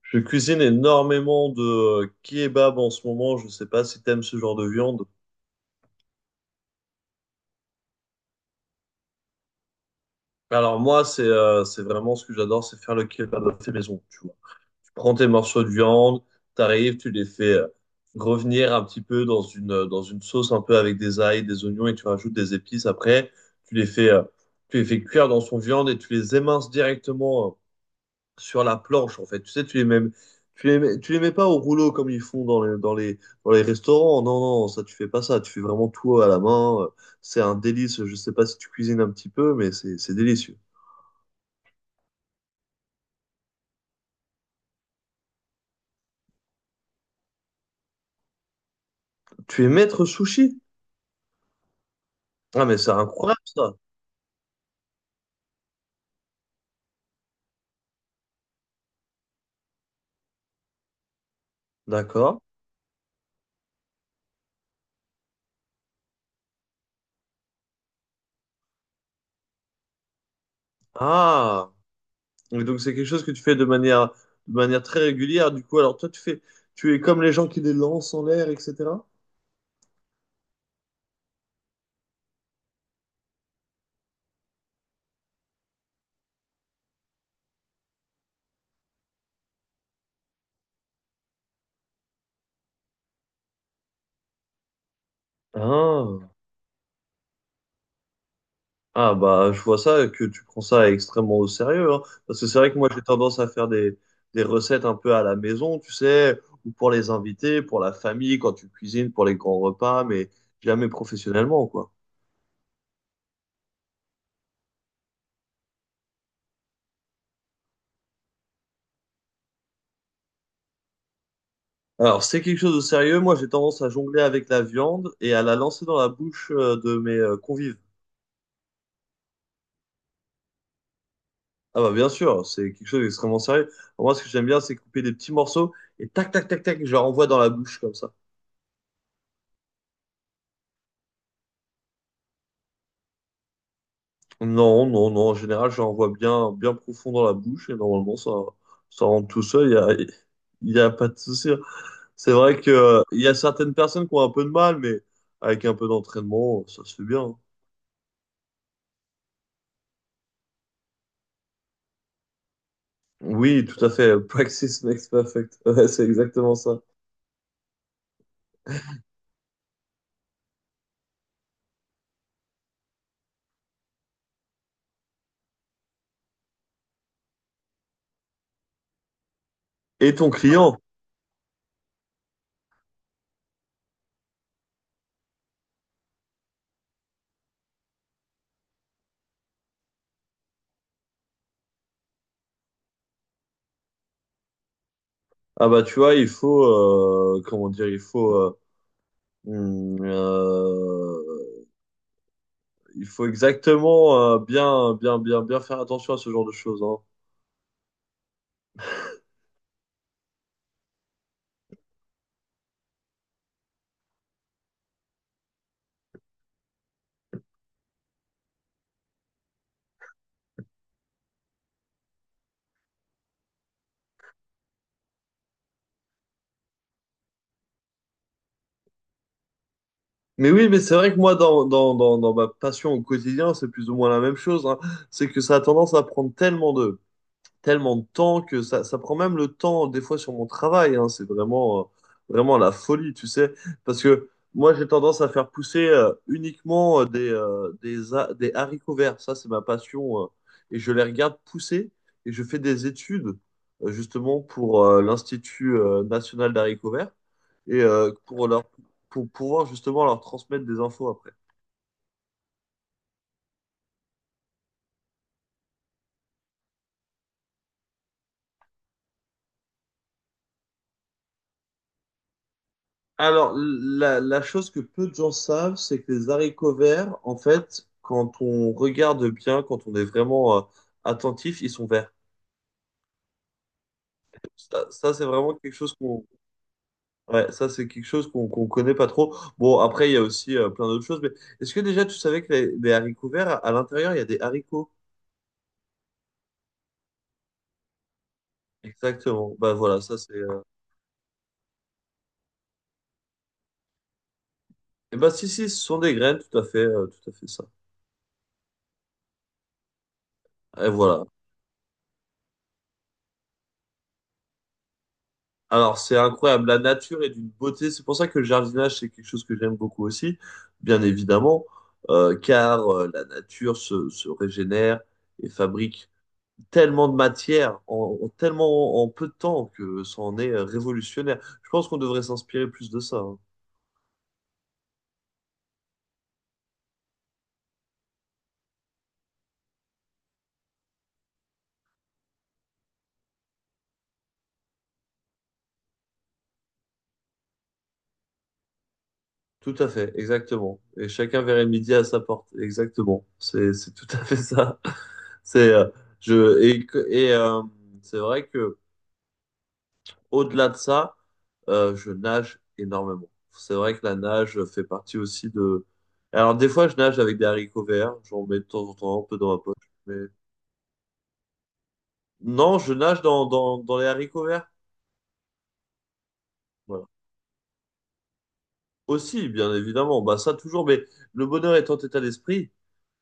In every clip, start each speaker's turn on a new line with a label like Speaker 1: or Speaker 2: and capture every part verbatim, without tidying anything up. Speaker 1: Je cuisine énormément de euh, kebab en ce moment. Je ne sais pas si t'aimes ce genre de viande. Alors moi, c'est euh, c'est vraiment ce que j'adore, c'est faire le kebab à fait maison. Tu vois, tu prends tes morceaux de viande, t'arrives, tu les fais euh, revenir un petit peu dans une euh, dans une sauce un peu avec des ail, des oignons et tu rajoutes des épices. Après, tu les fais euh, tu les fais cuire dans son viande et tu les éminces directement. Euh, sur la planche, en fait. Tu sais, tu les mets, tu les mets, tu les mets pas au rouleau comme ils font dans les, dans les, dans les restaurants. Non, non, ça, tu fais pas ça. Tu fais vraiment tout à la main. C'est un délice. Je sais pas si tu cuisines un petit peu, mais c'est, c'est délicieux. Tu es maître sushi? Ah, mais c'est incroyable, ça. D'accord. Ah, et donc c'est quelque chose que tu fais de manière, de manière très régulière. Du coup, alors toi, tu fais, tu es comme les gens qui les lancent en l'air, et cetera. Ah, ah bah je vois ça que tu prends ça extrêmement au sérieux, hein. Parce que c'est vrai que moi j'ai tendance à faire des, des recettes un peu à la maison, tu sais, ou pour les invités, pour la famille, quand tu cuisines, pour les grands repas, mais jamais professionnellement, quoi. Alors c'est quelque chose de sérieux, moi j'ai tendance à jongler avec la viande et à la lancer dans la bouche euh, de mes euh, convives. Ah bah bien sûr, c'est quelque chose d'extrêmement sérieux. Moi, ce que j'aime bien, c'est couper des petits morceaux et tac, tac, tac, tac, je leur envoie dans la bouche comme ça. Non, non, non, en général, je leur envoie bien, bien profond dans la bouche et normalement, ça, ça rentre tout seul, il y a, il y a pas de souci. C'est vrai que, euh, il y a certaines personnes qui ont un peu de mal, mais avec un peu d'entraînement, ça se fait bien. Oui, tout à fait. Practice makes perfect. Ouais, c'est exactement ça. Et ton client? Ah bah tu vois, il faut, euh, comment dire, il faut... euh, hum, euh, il faut exactement euh, bien, bien, bien, bien faire attention à ce genre de choses, hein. Mais oui, mais c'est vrai que moi, dans, dans, dans, dans ma passion au quotidien, c'est plus ou moins la même chose, hein. C'est que ça a tendance à prendre tellement de tellement de temps que ça, ça prend même le temps, des fois, sur mon travail. Hein. C'est vraiment, euh, vraiment la folie, tu sais. Parce que moi, j'ai tendance à faire pousser euh, uniquement euh, des, euh, des, ha- des haricots verts. Ça, c'est ma passion. euh. Et je les regarde pousser et je fais des études, euh, justement, pour euh, l'Institut euh, national d'haricots verts et euh, pour leur, pour pouvoir, justement, leur transmettre des infos après. Alors, la, la chose que peu de gens savent, c'est que les haricots verts, en fait, quand on regarde bien, quand on est vraiment euh, attentif, ils sont verts. Ça, ça, c'est vraiment quelque chose qu'on, ouais, ça, c'est quelque chose qu'on qu'on connaît pas trop. Bon, après, il y a aussi euh, plein d'autres choses, mais est-ce que déjà tu savais que les, les haricots verts, à, à l'intérieur, il y a des haricots? Exactement. Bah voilà, ça c'est. euh, Eh ben si si, ce sont des graines, tout à fait, euh, tout à fait ça. Et voilà. Alors, c'est incroyable. La nature est d'une beauté. C'est pour ça que le jardinage, c'est quelque chose que j'aime beaucoup aussi, bien évidemment, euh, car euh, la nature se, se régénère et fabrique tellement de matière en, en tellement en peu de temps que ça en est euh, révolutionnaire. Je pense qu'on devrait s'inspirer plus de ça. Hein. Tout à fait, exactement. Et chacun verrait midi à sa porte. Exactement. C'est, c'est tout à fait ça. C'est, euh, je, et, que- et euh, C'est vrai que au-delà de ça, euh, je nage énormément. C'est vrai que la nage fait partie aussi de... Alors des fois, je nage avec des haricots verts. J'en mets de temps en temps un peu dans ma poche. Mais non, je nage dans, dans, dans les haricots verts. Voilà. Aussi, bien évidemment. Bah ça toujours. Mais le bonheur étant état d'esprit,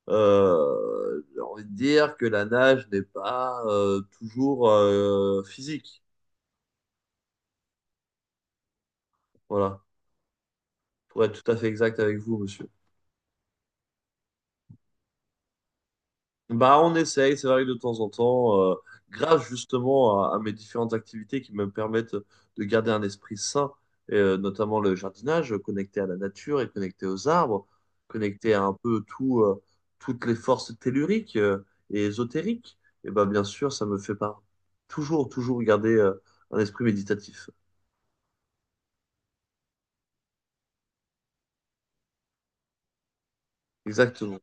Speaker 1: euh, j'ai envie de dire que la nage n'est pas euh, toujours euh, physique. Voilà. Pour être tout à fait exact avec vous, monsieur. Bah, on essaye, c'est vrai que de temps en temps, euh, grâce justement à, à mes différentes activités qui me permettent de garder un esprit sain, et, euh, notamment le jardinage, euh, connecté à la nature et connecté aux arbres, connecté à un peu tout, euh, toutes les forces telluriques, euh, et ésotériques, et bah, bien sûr, ça me fait pas toujours, toujours garder, euh, un esprit méditatif. Exactement.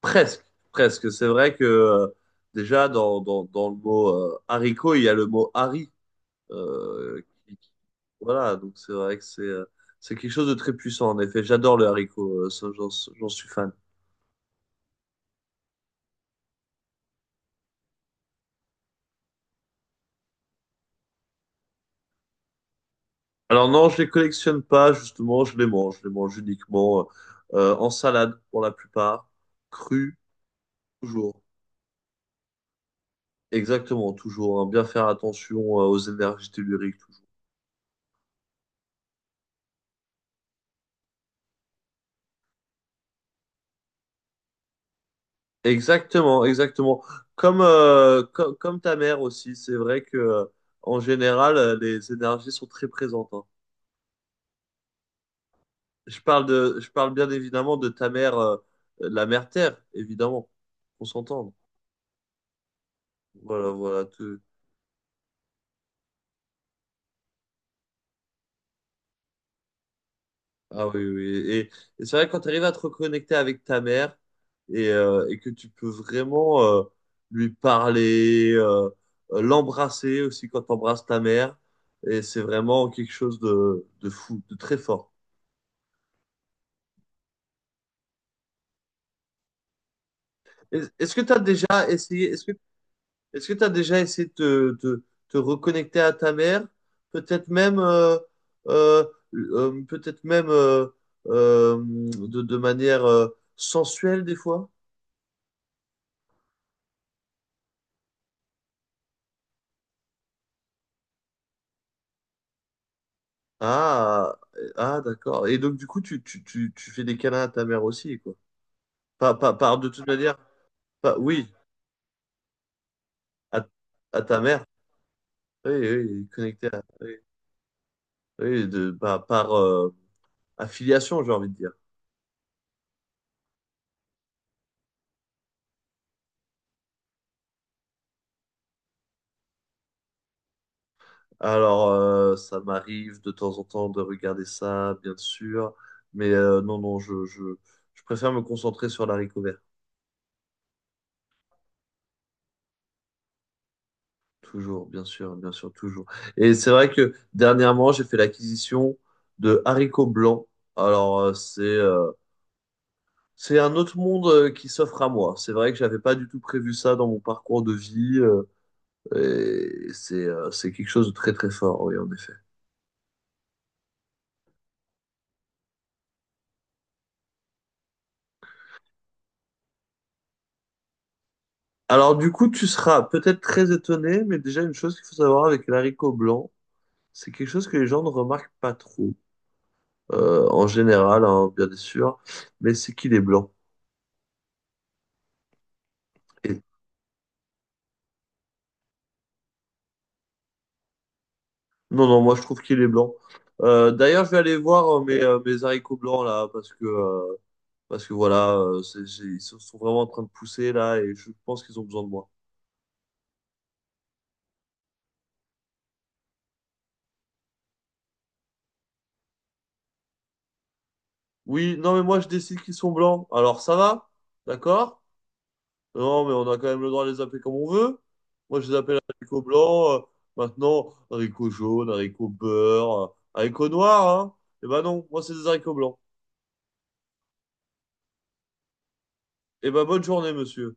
Speaker 1: Presque, presque. C'est vrai que, euh, déjà, dans, dans, dans le mot, euh, haricot, il y a le mot hari. Euh, qui- qui- voilà, donc c'est vrai que c'est euh, c'est quelque chose de très puissant, en effet. J'adore le haricot, euh, ça, j'en j'en suis fan. Alors non, je les collectionne pas, justement, je les mange. Je les mange uniquement euh, euh, en salade pour la plupart, cru, toujours. Exactement, toujours. Hein. Bien faire attention euh, aux énergies telluriques, toujours. Exactement, exactement. Comme, euh, co- comme, ta mère aussi, c'est vrai que euh, en général, euh, les énergies sont très présentes. Hein. Je parle de, je parle bien évidemment de ta mère, euh, la mère Terre, évidemment. On s'entend. Voilà, voilà tout. Ah oui, oui. Oui. Et, et c'est vrai que quand tu arrives à te reconnecter avec ta mère et, euh, et que tu peux vraiment euh, lui parler, euh, euh, l'embrasser aussi quand tu embrasses ta mère, et c'est vraiment quelque chose de, de fou, de très fort. Est- Est-ce que tu as déjà essayé, est-ce que Est-ce que tu as déjà essayé de te, te- te reconnecter à ta mère? Peut-être même, euh, euh, euh, Peut-être même euh, euh, de, de manière euh, sensuelle des fois? Ah, ah d'accord. Et donc, du coup, tu, tu, tu, tu fais des câlins à ta mère aussi, quoi. Pas, pas, par- De toute manière, pas, oui, à, à ta mère. Oui, oui, connecté à, oui, oui, de, par par, euh, affiliation, j'ai envie de dire. Alors, euh, ça m'arrive de temps en temps de regarder ça, bien sûr, mais euh, non, non, je, je, je préfère me concentrer sur l'haricot vert. Toujours, bien sûr, bien sûr, toujours. Et c'est vrai que dernièrement, j'ai fait l'acquisition de haricots blancs. Alors, euh, c'est euh, c'est un autre monde euh, qui s'offre à moi. C'est vrai que j'avais pas du tout prévu ça dans mon parcours de vie, euh, et c'est euh, c'est quelque chose de très très fort, oui, en effet. Alors du coup, tu seras peut-être très étonné, mais déjà une chose qu'il faut savoir avec l'haricot blanc, c'est quelque chose que les gens ne remarquent pas trop, euh, en général, hein, bien sûr, mais c'est qu'il est blanc. Et... Non, non, moi je trouve qu'il est blanc. Euh, d'ailleurs, je vais aller voir euh, mes, euh, mes haricots blancs là, parce que, euh, parce que voilà, euh, c'est- j'ai- ils sont sont vraiment en train de pousser là, et je pense qu'ils ont besoin de moi. Oui, non, mais moi je décide qu'ils sont blancs. Alors ça va? D'accord? Non, mais on a quand même le droit de les appeler comme on veut. Moi, je les appelle haricots blancs. Euh, maintenant, haricots jaunes, haricots beurre, euh, haricots noirs. Hein. Eh ben non, moi, c'est des haricots blancs. Eh ben, bonne journée, monsieur.